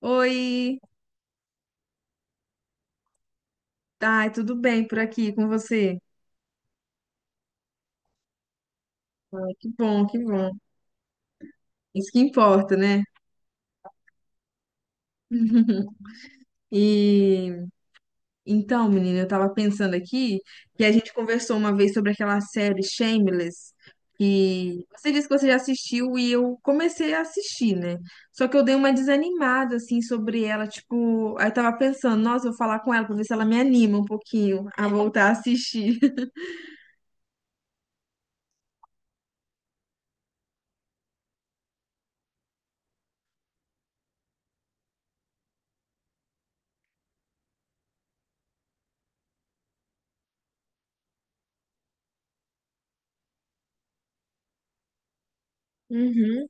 Oi, tá, tudo bem por aqui com você? Ai, que bom, que bom. Isso que importa, né? E então, menina, eu tava pensando aqui que a gente conversou uma vez sobre aquela série Shameless, que você disse que você já assistiu e eu comecei a assistir, né? Só que eu dei uma desanimada assim sobre ela, tipo, aí eu tava pensando, nossa, eu vou falar com ela pra ver se ela me anima um pouquinho a voltar a assistir. Uhum,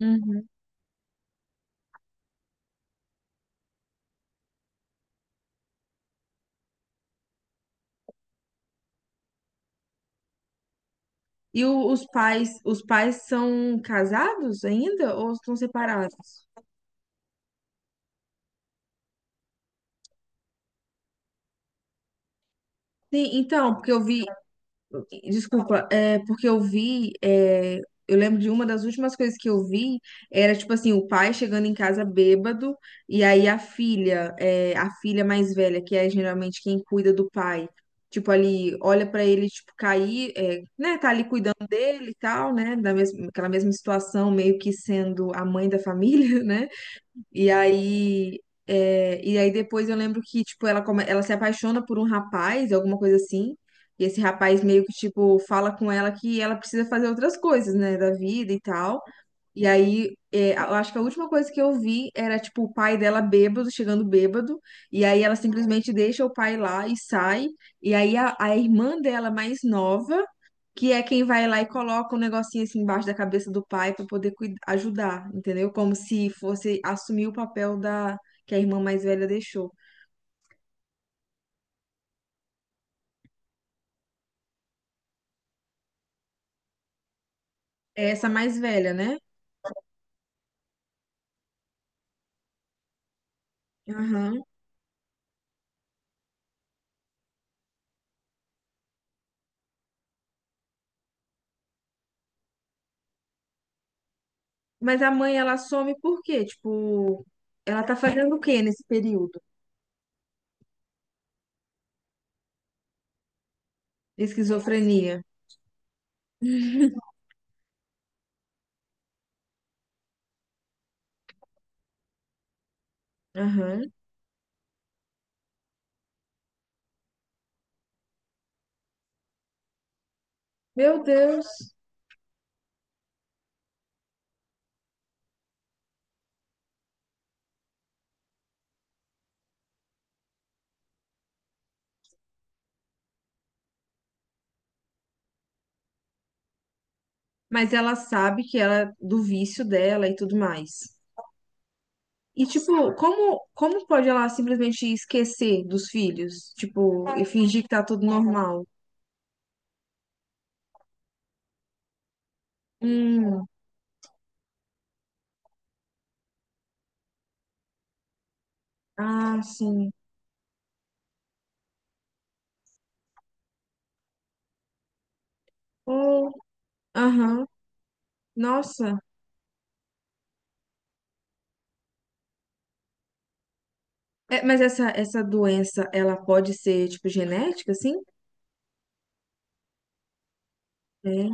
sim. Os pais, os pais são casados ainda ou estão separados? Sim, então, porque eu vi, desculpa, é porque eu vi, é, eu lembro de uma das últimas coisas que eu vi era tipo assim, o pai chegando em casa bêbado e aí a filha, é, a filha mais velha, que é geralmente quem cuida do pai, tipo ali, olha pra ele tipo cair, é, né, tá ali cuidando dele e tal, né, da mesma, aquela mesma situação, meio que sendo a mãe da família, né? E aí, é, e aí depois eu lembro que, tipo, ela, ela se apaixona por um rapaz, alguma coisa assim. E esse rapaz meio que, tipo, fala com ela que ela precisa fazer outras coisas, né, da vida e tal. E aí, é, eu acho que a última coisa que eu vi era, tipo, o pai dela bêbado, chegando bêbado. E aí ela simplesmente deixa o pai lá e sai. E aí a irmã dela mais nova que é quem vai lá e coloca um negocinho assim embaixo da cabeça do pai para poder ajudar, entendeu? Como se fosse assumir o papel da que a irmã mais velha deixou. É essa mais velha, né? Aham. Mas a mãe, ela some por quê? Tipo, ela tá fazendo o quê nesse período? Esquizofrenia. Aham. Meu Deus. Mas ela sabe que ela do vício dela e tudo mais. E tipo, como pode ela simplesmente esquecer dos filhos, tipo, e fingir que tá tudo normal? Hum, ah, sim. Ou, aham, nossa. É, mas essa doença, ela pode ser, tipo, genética, assim? É,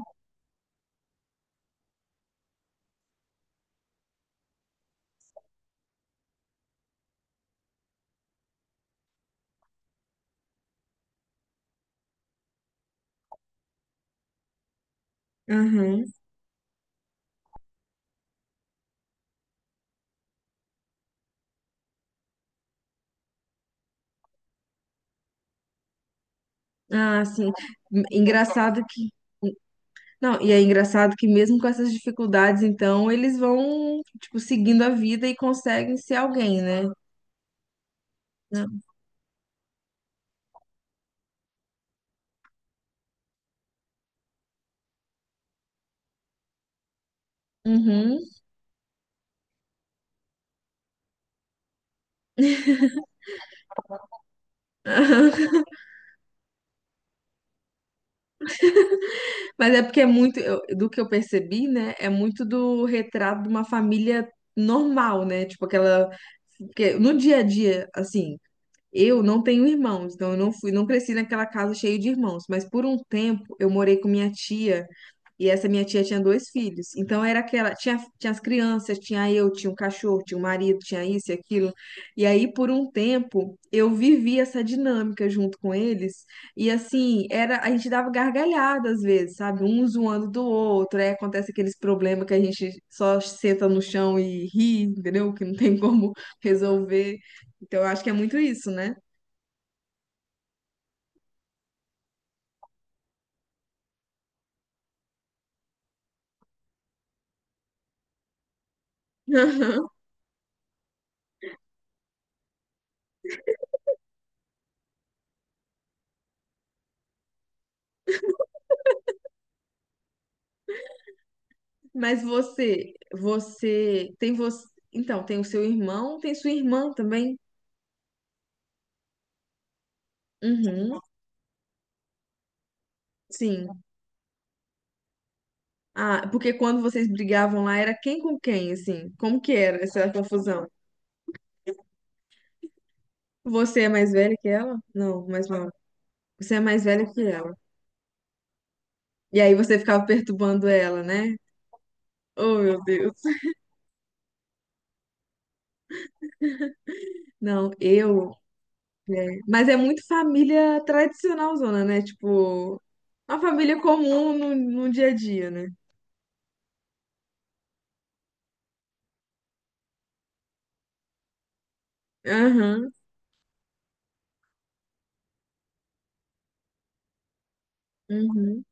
aham. Ah, sim. Engraçado que... Não, e é engraçado que mesmo com essas dificuldades, então, eles vão, tipo, seguindo a vida e conseguem ser alguém, né? Não. Uhum. Mas é porque é muito, do que eu percebi, né? É muito do retrato de uma família normal, né? Tipo, aquela... Porque no dia a dia, assim... Eu não tenho irmãos, então eu não fui, não cresci naquela casa cheia de irmãos, mas por um tempo eu morei com minha tia e essa minha tia tinha dois filhos. Então era aquela, tinha as crianças, tinha eu, tinha um cachorro, tinha um marido, tinha isso e aquilo. E aí por um tempo eu vivi essa dinâmica junto com eles e assim, era a gente dava gargalhada às vezes, sabe? Um zoando do outro, aí acontece aqueles problemas que a gente só senta no chão e ri, entendeu? Que não tem como resolver. Então eu acho que é muito isso, né? Aham. Mas você tem você, então tem o seu irmão, tem sua irmã também? Uhum, sim. Ah, porque quando vocês brigavam lá era quem com quem, assim? Como que era essa confusão? Você é mais velha que ela? Não, mais nova. Você é mais velha que ela. E aí você ficava perturbando ela, né? Oh, meu Deus. Não, eu. Né? Mas é muito família tradicional, zona, né? Tipo, uma família comum no, no dia a dia, né? Aham, uhum.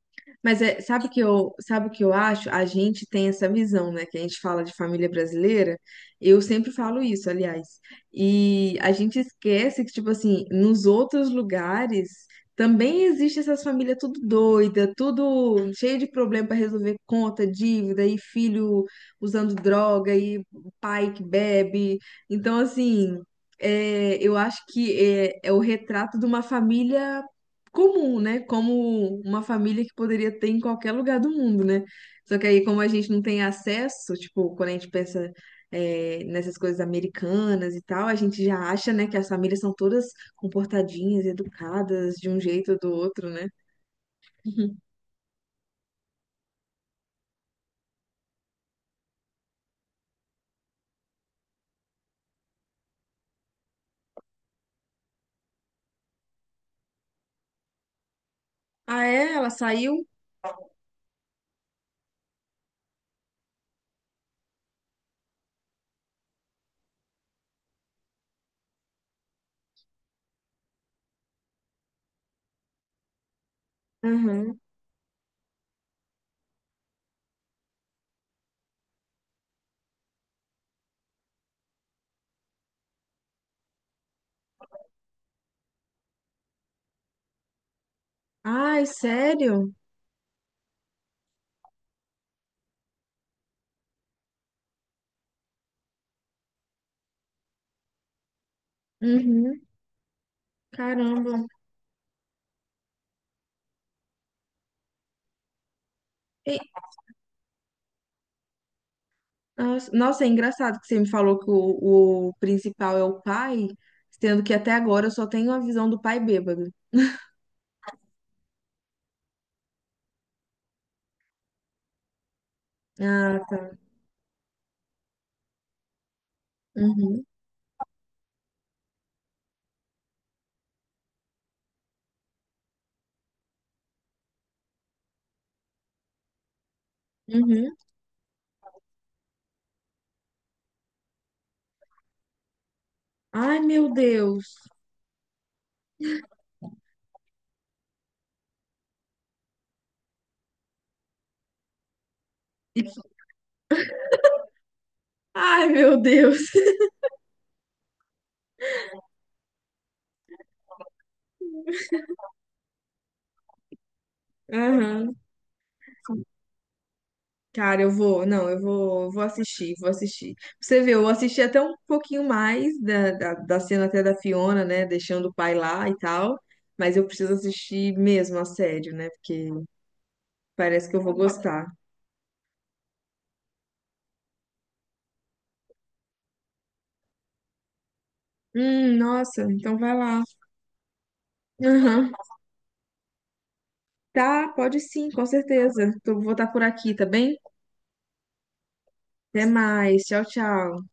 Mas é, sabe o que eu acho? A gente tem essa visão, né? Que a gente fala de família brasileira. Eu sempre falo isso, aliás. E a gente esquece que, tipo assim, nos outros lugares também existe essas famílias tudo doida, tudo cheio de problema para resolver conta, dívida e filho usando droga e pai que bebe. Então, assim, é, eu acho que é, é o retrato de uma família comum, né? Como uma família que poderia ter em qualquer lugar do mundo, né? Só que aí, como a gente não tem acesso, tipo, quando a gente pensa, é, nessas coisas americanas e tal, a gente já acha, né, que as famílias são todas comportadinhas, educadas, de um jeito ou do outro, né? Uhum. Ah, é? Ela saiu? Aham. Ai, sério? Uhum. Caramba. E- Nossa, nossa, é engraçado que você me falou que o principal é o pai, sendo que até agora eu só tenho a visão do pai bêbado. Ah, tá. Uhum. Uhum. Ai, meu Deus. Ai, meu Deus. Aham. Cara, eu vou, não, eu vou, vou assistir, vou assistir. Pra você vê, eu assisti até um pouquinho mais da, da, da cena até da Fiona, né, deixando o pai lá e tal, mas eu preciso assistir mesmo a sério, né, porque parece que eu vou gostar. Nossa, então vai lá. Aham. Tá, pode sim, com certeza. Tô, vou estar por aqui, tá bem? Até mais, tchau, tchau.